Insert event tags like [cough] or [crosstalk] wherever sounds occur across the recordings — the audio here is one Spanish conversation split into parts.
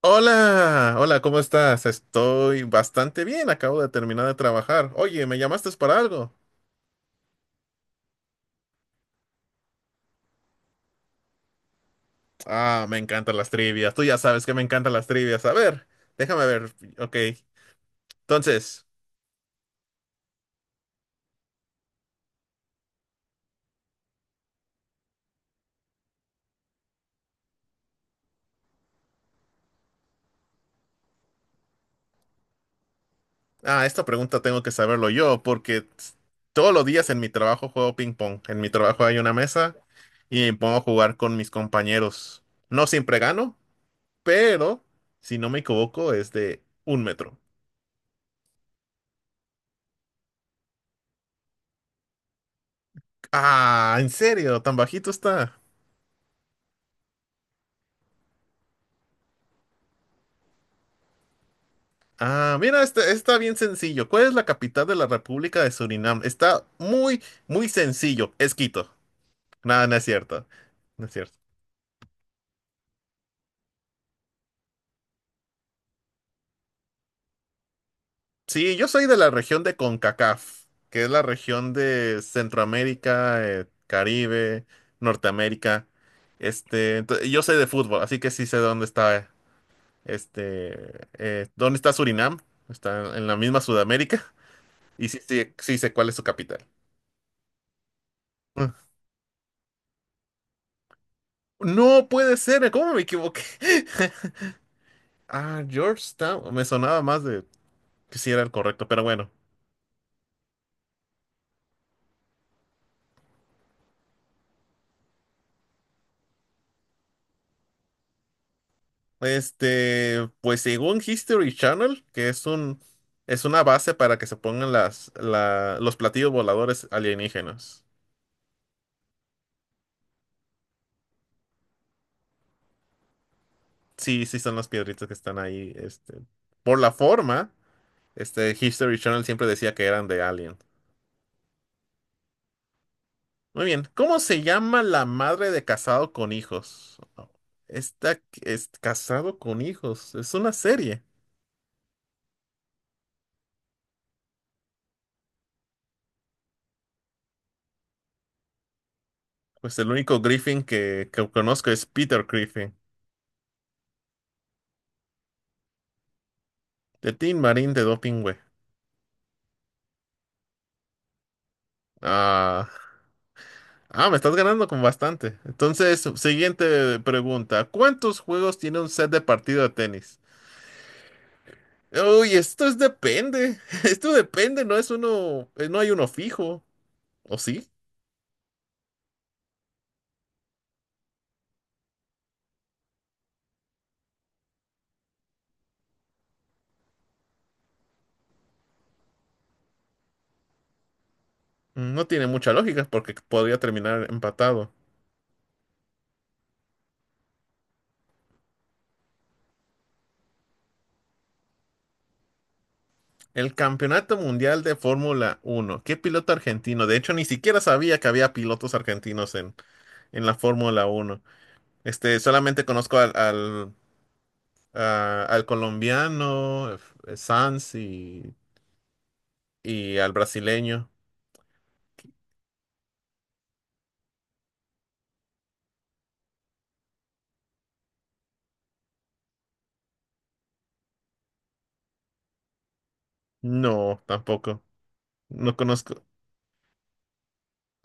Hola, hola, ¿cómo estás? Estoy bastante bien, acabo de terminar de trabajar. Oye, ¿me llamaste para algo? Ah, me encantan las trivias, tú ya sabes que me encantan las trivias. A ver, déjame ver, ok. Entonces, ah, esta pregunta tengo que saberlo yo porque todos los días en mi trabajo juego ping pong. En mi trabajo hay una mesa y me pongo a jugar con mis compañeros. No siempre gano, pero si no me equivoco es de 1 metro. Ah, ¿en serio? ¿Tan bajito está? Ah, mira, este está bien sencillo. ¿Cuál es la capital de la República de Surinam? Está muy, muy sencillo. Es Quito. Nada, no es cierto. No es cierto. Sí, yo soy de la región de CONCACAF, que es la región de Centroamérica, Caribe, Norteamérica. Este, yo sé de fútbol, así que sí sé dónde está, este, dónde está Surinam. Está en la misma Sudamérica. Y sí, sí, sí sé cuál es su capital. Ah. No puede ser, ¿cómo me equivoqué? [laughs] Ah, Georgetown. Me sonaba más de que si era el correcto, pero bueno. Este, pues según History Channel, que es un es una base para que se pongan las los platillos voladores alienígenas. Sí, sí son las piedritas que están ahí, este, por la forma, este History Channel siempre decía que eran de Alien. Muy bien, ¿cómo se llama la madre de casado con hijos? Es casado con hijos, es una serie. Pues el único Griffin que conozco es Peter Griffin, de Team Marine de Dopingüe. Ah, ah, me estás ganando con bastante. Entonces, siguiente pregunta. ¿Cuántos juegos tiene un set de partido de tenis? Uy, esto es depende. [laughs] Esto depende, no es uno, no hay uno fijo. ¿O sí? No tiene mucha lógica porque podría terminar empatado. El Campeonato Mundial de Fórmula Uno. ¿Qué piloto argentino? De hecho, ni siquiera sabía que había pilotos argentinos en, la Fórmula Uno. Este, solamente conozco al colombiano, Sanz y al brasileño. No, tampoco. No conozco.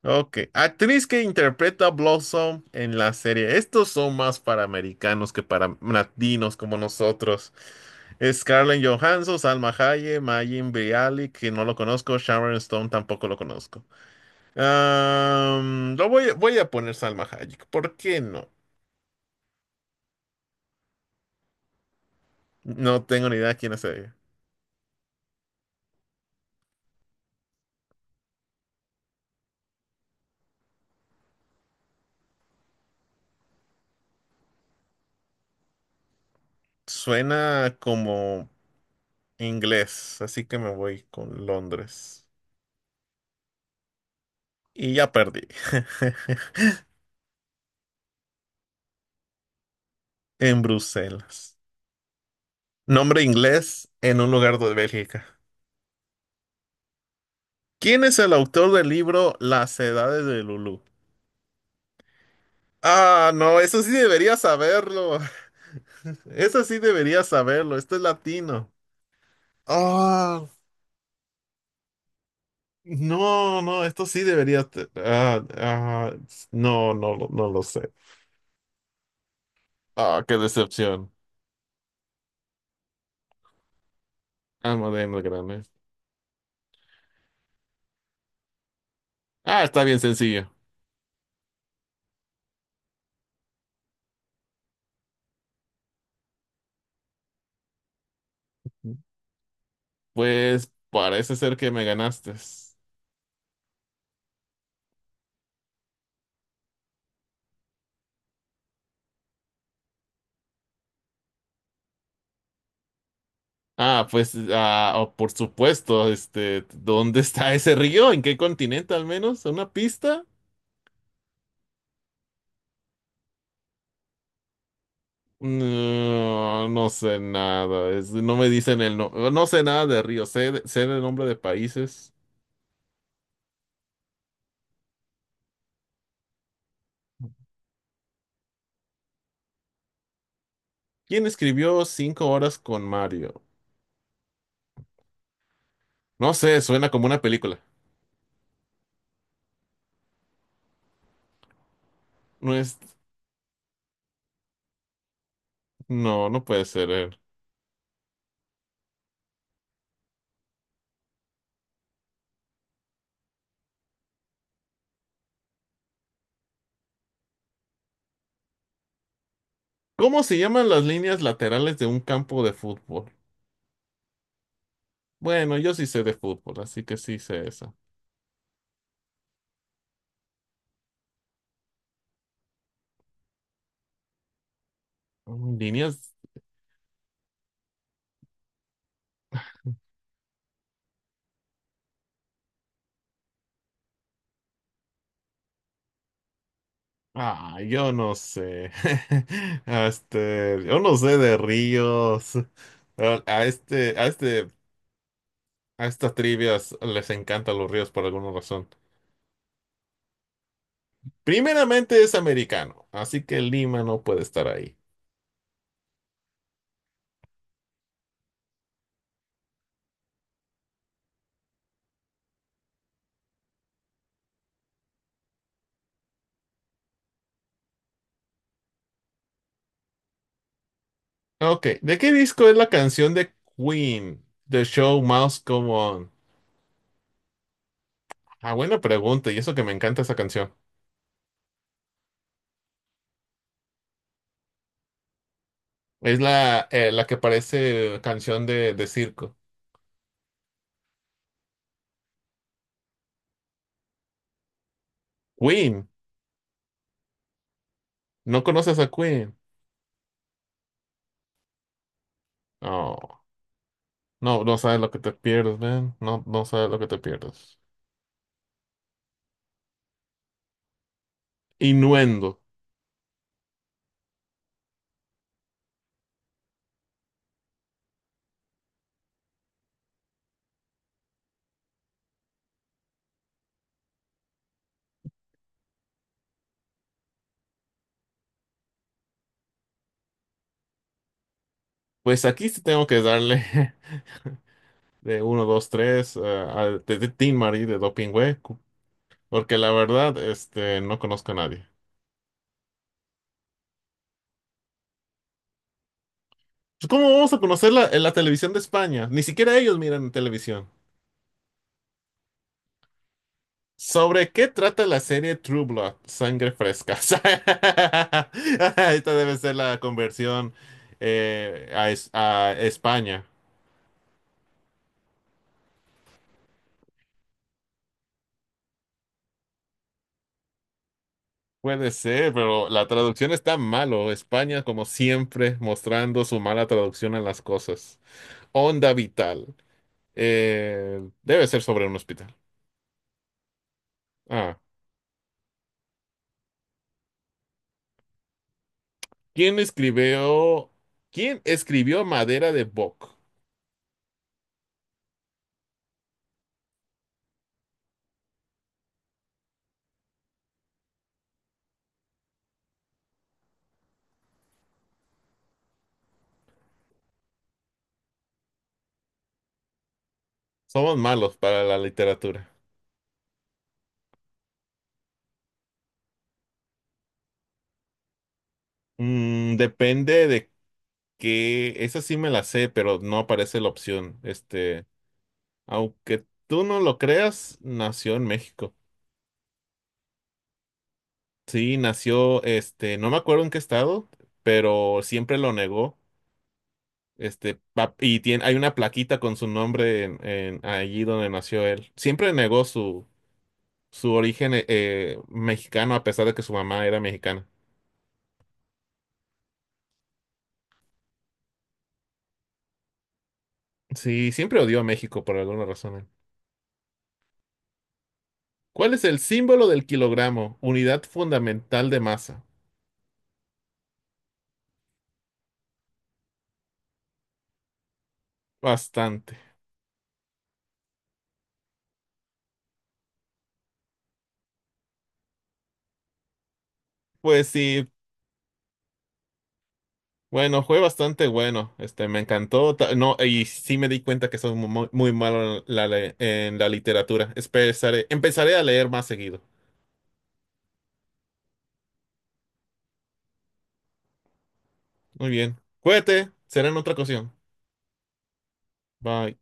Ok. Actriz que interpreta a Blossom en la serie. Estos son más para americanos que para latinos como nosotros. Scarlett Johansson, Salma Hayek, Mayim Bialik, que no lo conozco. Sharon Stone tampoco lo conozco. Voy a poner Salma Hayek. ¿Por qué no? No tengo ni idea quién es ella. Suena como inglés, así que me voy con Londres. Y ya perdí. [laughs] En Bruselas. Nombre inglés en un lugar de Bélgica. ¿Quién es el autor del libro Las Edades de Lulú? Ah, no, eso sí debería saberlo. [laughs] Eso sí debería saberlo. Esto es latino. Ah, no, no, esto sí debería. Ah, ah, no, no, no lo sé. Ah, qué decepción. Alma de Grande. Ah, está bien sencillo. Pues parece ser que me ganaste. Ah, pues, ah, oh, por supuesto, este, ¿dónde está ese río? ¿En qué continente al menos? ¿Una pista? No, no sé nada, no me dicen el no, no sé nada de río, sé el nombre de países. ¿Quién escribió Cinco horas con Mario? No sé, suena como una película. No es, no, no puede ser él. ¿Cómo se llaman las líneas laterales de un campo de fútbol? Bueno, yo sí sé de fútbol, así que sí sé eso. Mm, Líneas. Ah, yo no sé. [laughs] Este, yo no sé de ríos. A, a este, a este, a estas trivias les encantan los ríos por alguna razón. Primeramente es americano, así que Lima no puede estar ahí. Ok, ¿de qué disco es la canción de Queen? The Show Must Go On. Ah, buena pregunta, y eso que me encanta esa canción. Es la que parece canción de circo. Queen, no conoces a Queen. Oh, no, no sabes lo que te pierdes, man. No, no sabes lo que te pierdes. Innuendo. Pues aquí sí tengo que darle [laughs] de uno, 2, 3 a de Tin Marín de Dopingüe, porque la verdad, este, no conozco a nadie. Pues, ¿cómo vamos a conocer en la televisión de España? Ni siquiera ellos miran televisión. ¿Sobre qué trata la serie True Blood? Sangre fresca. [laughs] Esta debe ser la conversión a España. Puede ser, pero la traducción está malo. España, como siempre, mostrando su mala traducción a las cosas. Onda vital. Debe ser sobre un hospital. Ah, ¿quién escribió? ¿Quién escribió Madera de Boc? Somos malos para la literatura. Mm, depende de qué. Esa sí me la sé, pero no aparece la opción. Este, aunque tú no lo creas, nació en México. Sí, nació, este, no me acuerdo en qué estado, pero siempre lo negó. Este, y hay una plaquita con su nombre en, allí donde nació él. Siempre negó su origen mexicano a pesar de que su mamá era mexicana. Sí, siempre odió a México por alguna razón. Él. ¿Cuál es el símbolo del kilogramo? Unidad fundamental de masa. Bastante. Pues sí, bueno, fue bastante bueno. Este, me encantó. No, y sí me di cuenta que soy muy, muy malo en la literatura. Empezaré a leer más seguido. Muy bien. Cuídate. Será en otra ocasión. Bye.